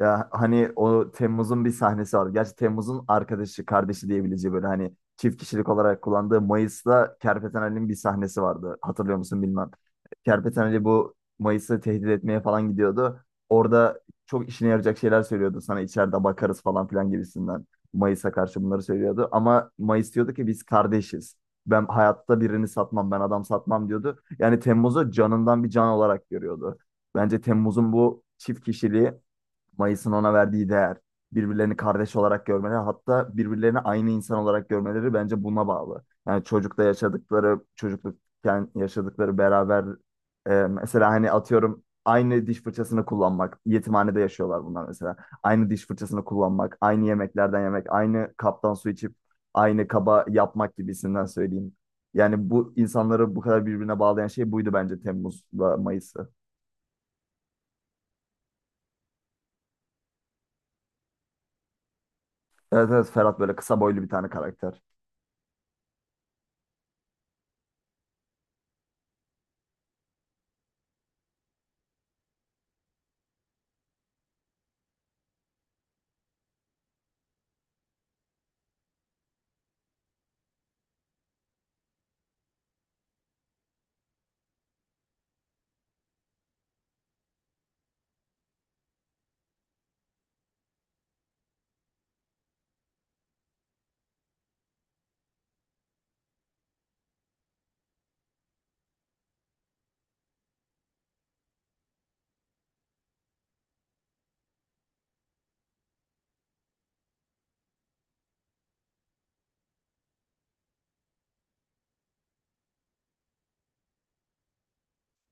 Ya hani o Temmuz'un bir sahnesi vardı. Gerçi Temmuz'un arkadaşı, kardeşi diyebileceği böyle hani çift kişilik olarak kullandığı Mayıs'ta Kerpeten Ali'nin bir sahnesi vardı. Hatırlıyor musun bilmem. Kerpeten Ali bu Mayıs'ı tehdit etmeye falan gidiyordu. Orada çok işine yarayacak şeyler söylüyordu. Sana içeride bakarız falan filan gibisinden. Mayıs'a karşı bunları söylüyordu. Ama Mayıs diyordu ki biz kardeşiz. Ben hayatta birini satmam, ben adam satmam diyordu. Yani Temmuz'u canından bir can olarak görüyordu. Bence Temmuz'un bu çift kişiliği Mayıs'ın ona verdiği değer, birbirlerini kardeş olarak görmeleri, hatta birbirlerini aynı insan olarak görmeleri bence buna bağlı. Yani çocukta yaşadıkları, çocuklukken yaşadıkları beraber mesela hani atıyorum aynı diş fırçasını kullanmak, yetimhanede yaşıyorlar bunlar mesela. Aynı diş fırçasını kullanmak, aynı yemeklerden yemek, aynı kaptan su içip aynı kaba yapmak gibisinden söyleyeyim. Yani bu insanları bu kadar birbirine bağlayan şey buydu bence Temmuz'la Mayıs'ı. Evet, evet, Ferhat böyle kısa boylu bir tane karakter.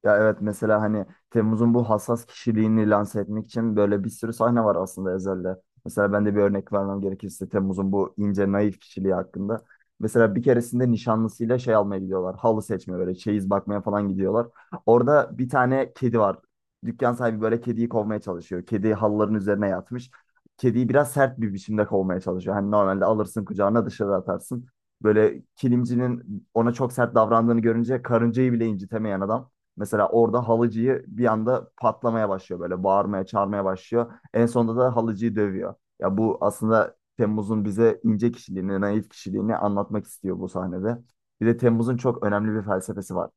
Ya evet, mesela hani Temmuz'un bu hassas kişiliğini lanse etmek için böyle bir sürü sahne var aslında Ezel'de. Mesela ben de bir örnek vermem gerekirse Temmuz'un bu ince naif kişiliği hakkında. Mesela bir keresinde nişanlısıyla şey almaya gidiyorlar. Halı seçmeye böyle çeyiz bakmaya falan gidiyorlar. Orada bir tane kedi var. Dükkan sahibi böyle kediyi kovmaya çalışıyor. Kedi halıların üzerine yatmış. Kediyi biraz sert bir biçimde kovmaya çalışıyor. Hani normalde alırsın kucağına dışarı atarsın. Böyle kilimcinin ona çok sert davrandığını görünce karıncayı bile incitemeyen adam, mesela orada halıcıyı bir anda patlamaya başlıyor böyle bağırmaya çağırmaya başlıyor. En sonunda da halıcıyı dövüyor. Ya bu aslında Temmuz'un bize ince kişiliğini, naif kişiliğini anlatmak istiyor bu sahnede. Bir de Temmuz'un çok önemli bir felsefesi var.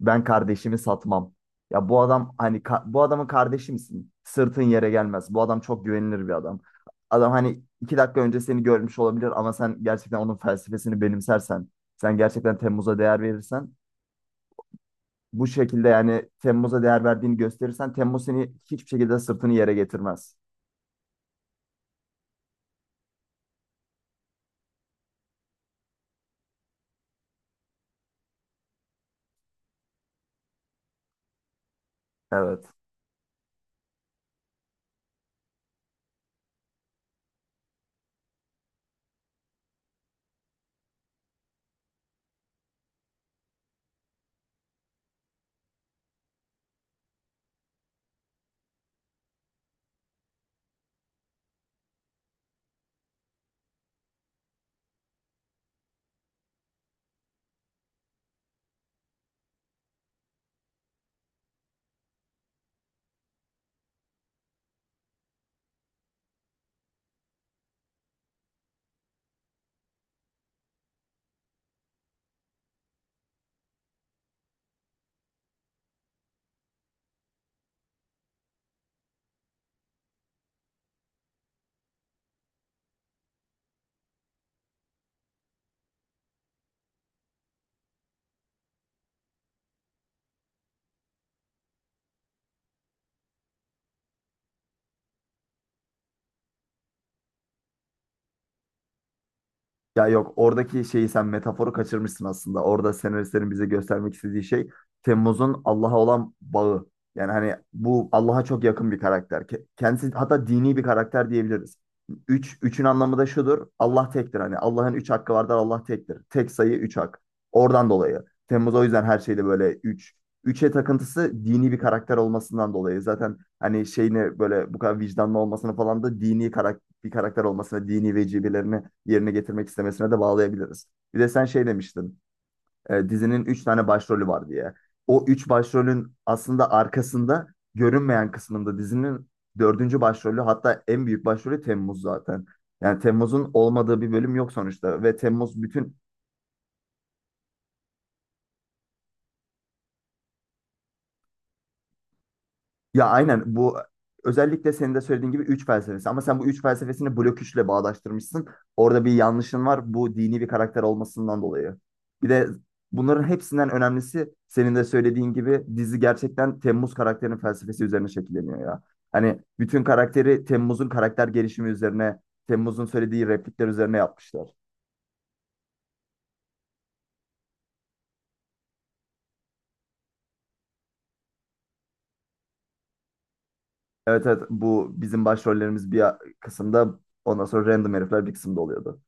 Ben kardeşimi satmam. Ya bu adam hani bu adamın kardeşi misin? Sırtın yere gelmez. Bu adam çok güvenilir bir adam. Adam hani iki dakika önce seni görmüş olabilir ama sen gerçekten onun felsefesini benimsersen, sen gerçekten Temmuz'a değer verirsen bu şekilde, yani Temmuz'a değer verdiğini gösterirsen Temmuz seni hiçbir şekilde sırtını yere getirmez. Evet. Ya yok, oradaki şeyi sen metaforu kaçırmışsın aslında. Orada senaristlerin bize göstermek istediği şey Temmuz'un Allah'a olan bağı. Yani hani bu Allah'a çok yakın bir karakter. Kendisi hatta dini bir karakter diyebiliriz. Üçün anlamı da şudur. Allah tektir. Hani Allah'ın üç hakkı vardır. Allah tektir. Tek sayı üç hak. Oradan dolayı. Temmuz o yüzden her şeyde böyle üç. Üçe takıntısı dini bir karakter olmasından dolayı. Zaten hani şeyini böyle bu kadar vicdanlı olmasını falan da dini karakter bir karakter olmasına, dini vecibelerini yerine getirmek istemesine de bağlayabiliriz. Bir de sen şey demiştin, dizinin 3 tane başrolü var diye. O 3 başrolün aslında arkasında görünmeyen kısmında dizinin dördüncü başrolü, hatta en büyük başrolü Temmuz zaten. Yani Temmuz'un olmadığı bir bölüm yok sonuçta ve Temmuz bütün. Ya aynen, bu özellikle senin de söylediğin gibi üç felsefesi ama sen bu üç felsefesini blok üçle bağdaştırmışsın. Orada bir yanlışın var, bu dini bir karakter olmasından dolayı. Bir de bunların hepsinden önemlisi senin de söylediğin gibi dizi gerçekten Temmuz karakterinin felsefesi üzerine şekilleniyor ya. Hani bütün karakteri Temmuz'un karakter gelişimi üzerine, Temmuz'un söylediği replikler üzerine yapmışlar. Evet, evet, bu bizim başrollerimiz bir kısımda, ondan sonra random herifler bir kısımda oluyordu.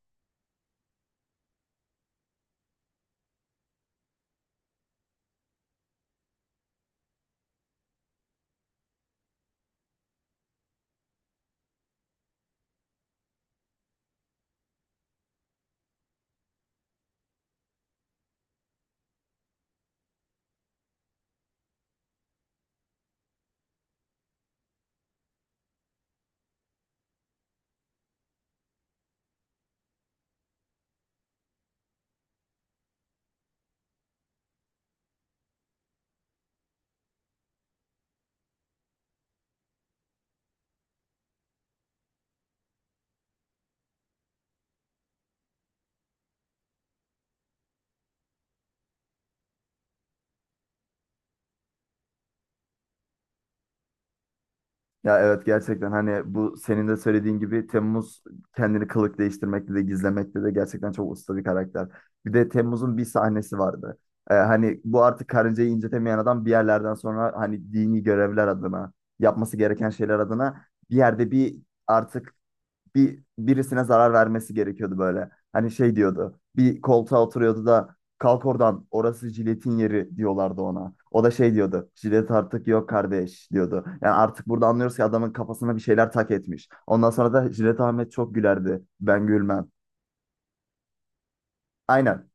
Ya evet, gerçekten hani bu senin de söylediğin gibi Temmuz kendini kılık değiştirmekte de gizlemekte de gerçekten çok usta bir karakter. Bir de Temmuz'un bir sahnesi vardı. Hani bu artık karıncayı incetemeyen adam bir yerlerden sonra hani dini görevler adına yapması gereken şeyler adına bir yerde bir artık bir birisine zarar vermesi gerekiyordu böyle. Hani şey diyordu. Bir koltuğa oturuyordu da kalk oradan, orası jiletin yeri diyorlardı ona. O da şey diyordu. Jilet artık yok kardeş diyordu. Yani artık burada anlıyoruz ki adamın kafasına bir şeyler tak etmiş. Ondan sonra da Jilet Ahmet çok gülerdi. Ben gülmem. Aynen.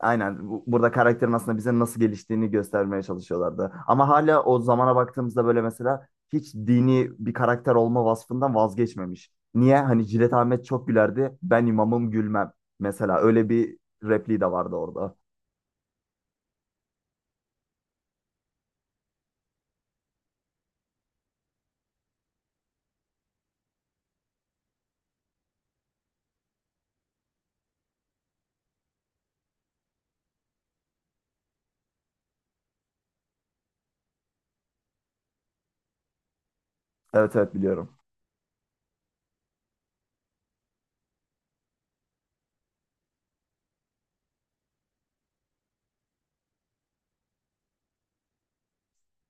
Aynen. Burada karakterin aslında bize nasıl geliştiğini göstermeye çalışıyorlardı. Ama hala o zamana baktığımızda böyle mesela hiç dini bir karakter olma vasfından vazgeçmemiş. Niye? Hani Cilet Ahmet çok gülerdi. Ben imamım gülmem. Mesela öyle bir repliği de vardı orada. Evet, evet, biliyorum.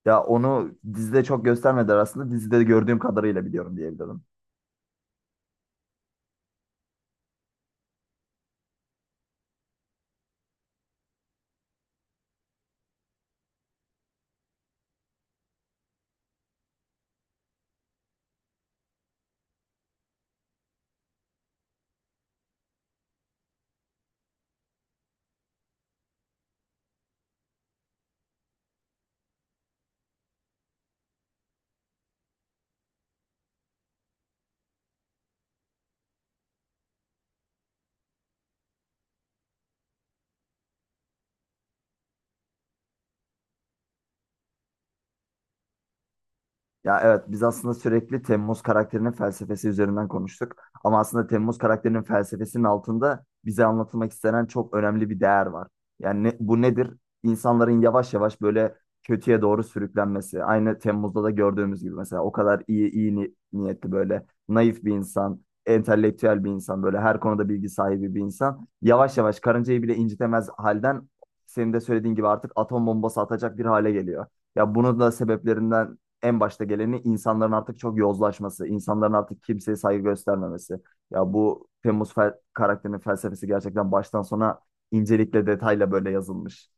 Ya onu dizide çok göstermediler aslında. Dizide gördüğüm kadarıyla biliyorum diyebilirim. Ya evet, biz aslında sürekli Temmuz karakterinin felsefesi üzerinden konuştuk. Ama aslında Temmuz karakterinin felsefesinin altında bize anlatılmak istenen çok önemli bir değer var. Yani bu nedir? İnsanların yavaş yavaş böyle kötüye doğru sürüklenmesi. Aynı Temmuz'da da gördüğümüz gibi mesela o kadar iyi iyi niyetli böyle naif bir insan, entelektüel bir insan, böyle her konuda bilgi sahibi bir insan yavaş yavaş karıncayı bile incitemez halden senin de söylediğin gibi artık atom bombası atacak bir hale geliyor. Ya bunun da sebeplerinden en başta geleni insanların artık çok yozlaşması, insanların artık kimseye saygı göstermemesi. Ya bu Temmuz karakterinin felsefesi gerçekten baştan sona incelikle detayla böyle yazılmış.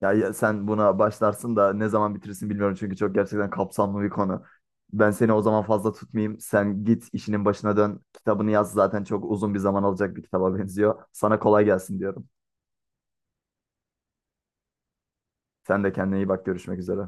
Ya, sen buna başlarsın da ne zaman bitirsin bilmiyorum çünkü çok gerçekten kapsamlı bir konu. Ben seni o zaman fazla tutmayayım. Sen git işinin başına dön. Kitabını yaz, zaten çok uzun bir zaman alacak bir kitaba benziyor. Sana kolay gelsin diyorum. Sen de kendine iyi bak, görüşmek üzere.